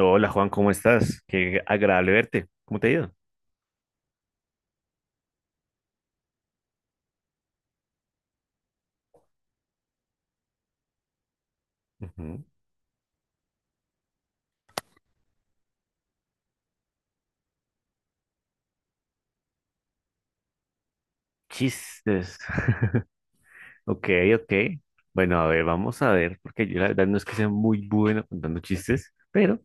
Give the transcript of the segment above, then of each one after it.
Hola Juan, ¿cómo estás? Qué agradable verte. ¿Cómo te ha ido? Ujú. Chistes. Ok, ok. Bueno, a ver, vamos a ver, porque yo la verdad no es que sea muy bueno contando chistes, pero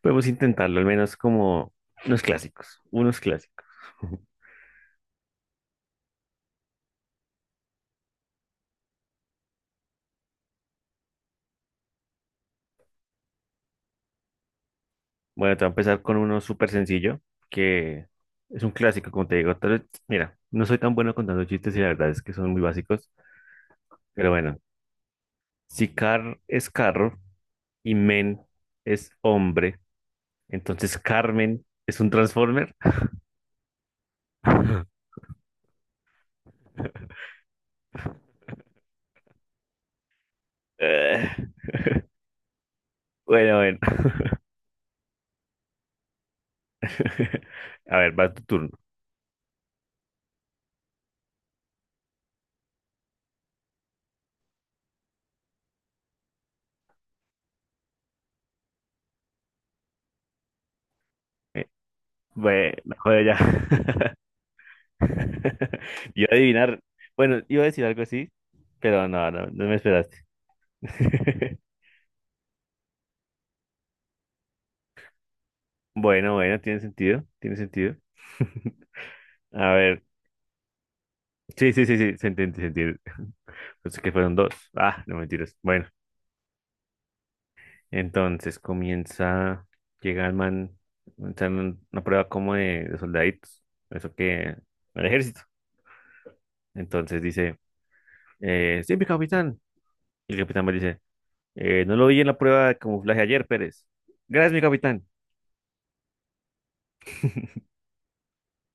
podemos intentarlo, al menos como unos clásicos, unos clásicos. Bueno, te voy a empezar con uno súper sencillo, que es un clásico, como te digo. Tal vez- mira, no soy tan bueno contando chistes y la verdad es que son muy básicos, pero bueno, si car es carro y men es hombre. Entonces Carmen es un Transformer. Eh, bueno, bueno. A ver, va tu turno. Eh, bueno, no, joder, ya. Yo iba a adivinar. Bueno, iba a decir algo así, pero no me esperaste. Bueno, bueno, tiene sentido, tiene sentido. A ver, sí, sí, sí, sí, se entiende, se entiende. Pensé que fueron dos. Ah, no mentiras. Bueno. Entonces comienza, llega el man, está en una prueba como de soldaditos, eso que, al ejército. Entonces dice, sí, mi capitán. Y el capitán me dice, no lo vi en la prueba de camuflaje ayer, Pérez. Gracias, mi capitán."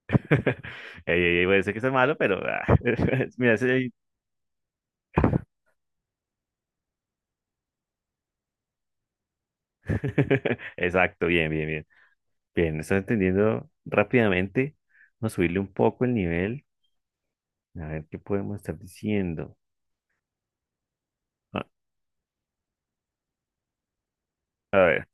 Ey, ey, ey, puede ser que sea malo, pero ah, mira, ese- exacto, bien, bien, bien. Bien, estás entendiendo rápidamente. Vamos a subirle un poco el nivel. A ver qué podemos estar diciendo. Ah, a ver.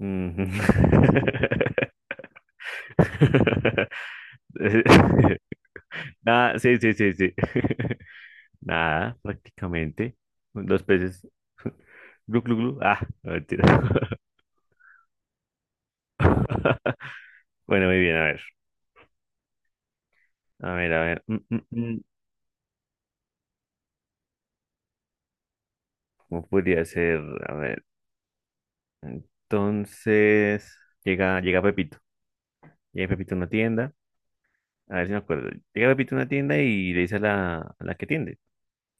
Ujú. Eh, nada, sí, sí, sí, sí. Nada, prácticamente. Los peces. Glu, glu, glu. Ah, no, mentira. Bueno, muy bien, a ver. A ver, a ver. Mm. ¿Cómo podría ser? A ver. Entonces, llega Pepito. Llega Pepito a una tienda. A ver si me acuerdo. Llega Pepito a una tienda y le dice a la que tiende.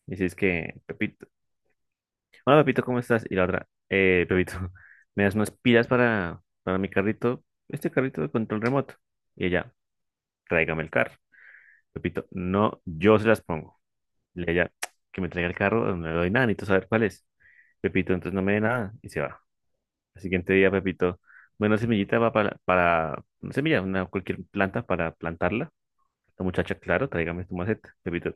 Dice, es que, Pepito. Hola, Pepito, ¿cómo estás? Y la otra, Pepito, ¿me das unas pilas para mi carrito? Este carrito de control remoto. Y ella, tráigame el carro. Pepito, no, yo se las pongo. Y ella, que me traiga el carro, no le doy nada, necesito saber cuál es. Pepito, entonces no me dé nada. Y se va. El siguiente día, Pepito, bueno, semillita va para una semilla, una, cualquier planta para plantarla. La muchacha, claro, tráigame tu maceta. Pepito,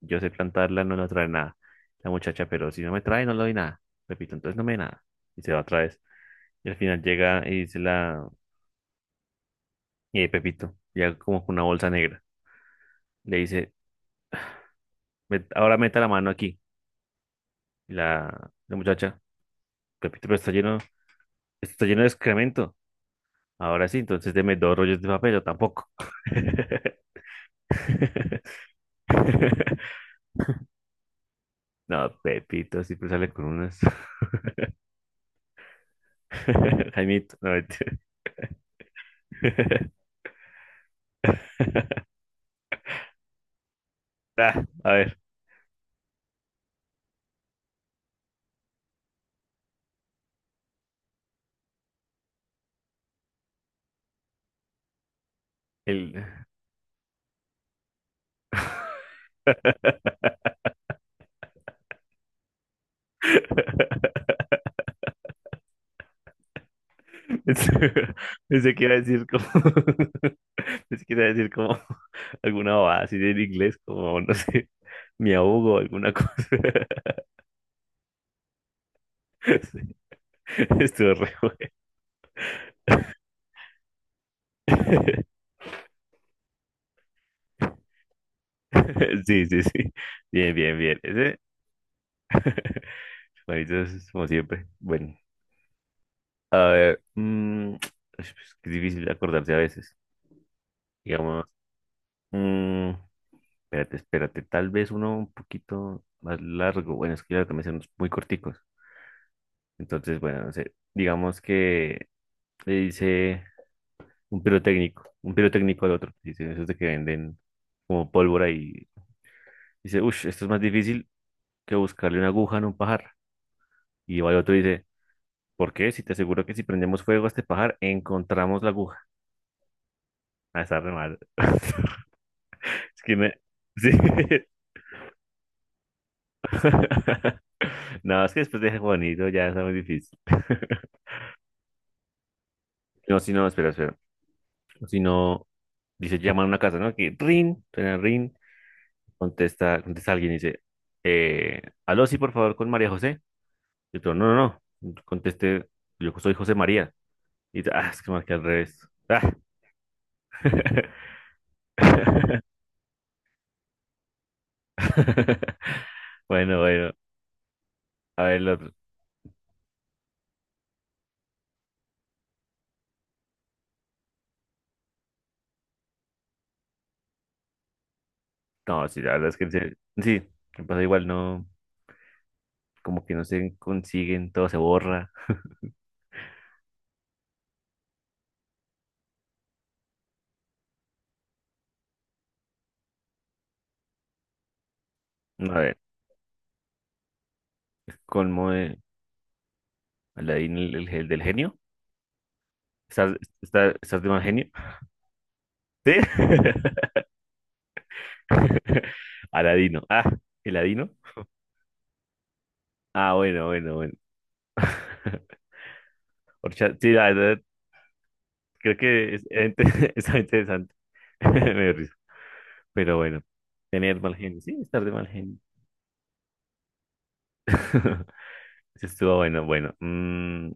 yo sé plantarla, no la trae nada. La muchacha, pero si no me trae, no le doy nada. Pepito, entonces no me dé nada. Y se va otra vez. Y al final llega y dice la... Y ahí Pepito, llega como con una bolsa negra. Le dice, "Met- ahora meta la mano aquí." Y la muchacha, Pepito, pero está lleno, esto está lleno de excremento. Ahora sí, entonces deme dos rollos de papel, yo tampoco. No, Pepito, siempre sale con unas. Jaimito, no, mentira. Ah, a ver, el... Pensé que iba a decir como, pensé que iba a decir como alguna bobada así en inglés, como, no sé, me ahogo, alguna cosa. Sí, estuvo re bueno. Sí, sí, sí. Bien, bien, bien. Ese, bonito como siempre. Bueno, a ver, mm, es que es difícil acordarse a veces. Digamos, mm, espérate, espérate, tal vez uno un poquito más largo. Bueno, es que ya también son muy corticos. Entonces, bueno, no sé, digamos que le dice un pirotécnico al otro, dice, esos de que venden como pólvora y dice, uff, esto es más difícil que buscarle una aguja en un pajar. Y va el otro y dice, ¿por qué? Si te aseguro que si prendemos fuego a este pajar, encontramos la aguja. Ah, está re mal. Es que me... sí. No, es que después de bonito ya está muy difícil. No, si no, espera. Si no, dice, llama a una casa, ¿no? Que ring, suena ring. Contesta alguien y dice, aló, sí, por favor, con María José. Y otro, no, no, no. Conteste, yo soy José María. Y dice, ah, es que marqué al revés. Ah. Bueno, bueno, a ver el otro. No, sí, la verdad es que en serio- sí, me pasa igual, no, como que no se consiguen, todo se borra. A ver, colmo de Aladín, el del genio. ¿Estás, está- estás de mal genio? ¿Sí? Aladino. Ah, ¿el Aladino? Ah, bueno, bueno, bueno. Orcha- sí, la verdad, creo que es, ente- está interesante. Me dio risa. Pero bueno, tener mal genio. Sí, estar de mal genio. Eso estuvo bueno. Bueno, mm,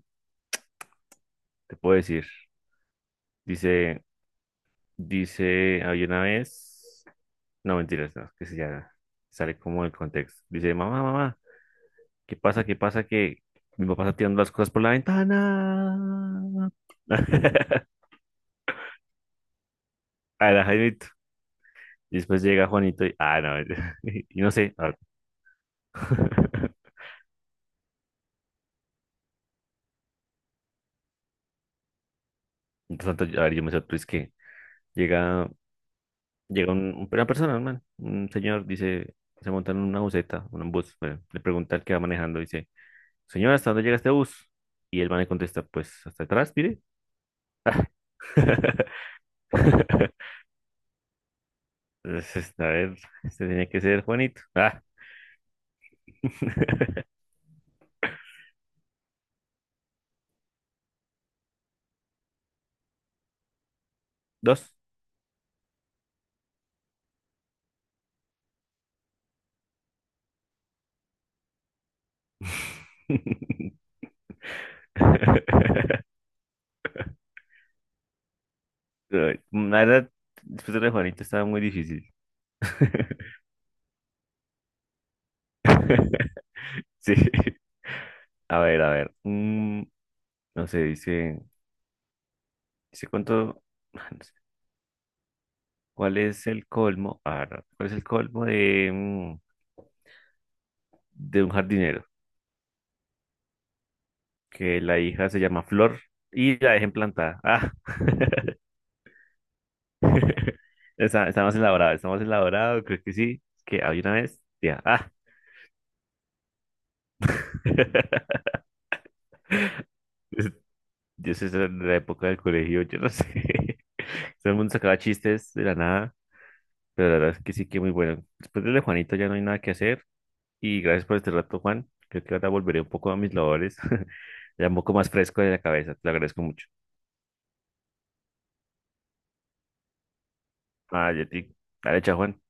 te puedo decir. Dice, dice, había una vez. No, mentiras, no, que se ya sale como el contexto. Dice, mamá, mamá, ¿qué pasa? ¿Qué pasa? Que mi papá está tirando las cosas por la ventana. A la Jaimito. Y después llega Juanito y, ah, no, y no sé. Ah. Mientras tanto, a ver, yo me sorprendí, es que llega, llega una persona, un man, un señor, dice, se monta en una buseta, en un bus, bueno, le pregunta al que va manejando, dice, señora, ¿hasta dónde llega este bus? Y el man le contesta, pues, hasta atrás, mire. Entonces, a ver, este tenía que ser Juanito. Ah, dos. Ay, la verdad, después de lo de Juanito estaba muy difícil. Sí. A ver, a ver. No sé, dice cuánto, no sé, ¿cuál es el colmo? Ah, no, ¿cuál es el colmo de, mm, de un jardinero? Que la hija se llama Flor y la dejen plantada. Ah, está, está más elaborado, creo que sí, que había una vez, ya, ah, es- yo sé, esa era la época del colegio, yo no sé, todo el mundo sacaba chistes de la nada, pero la verdad es que sí que muy bueno. Después de lo de Juanito ya no hay nada que hacer. Y gracias por este rato, Juan. Creo que ahora volveré un poco a mis labores, ya un poco más fresco de la cabeza. Te lo agradezco mucho. Ah, Yeti. Dale, chao, Juan.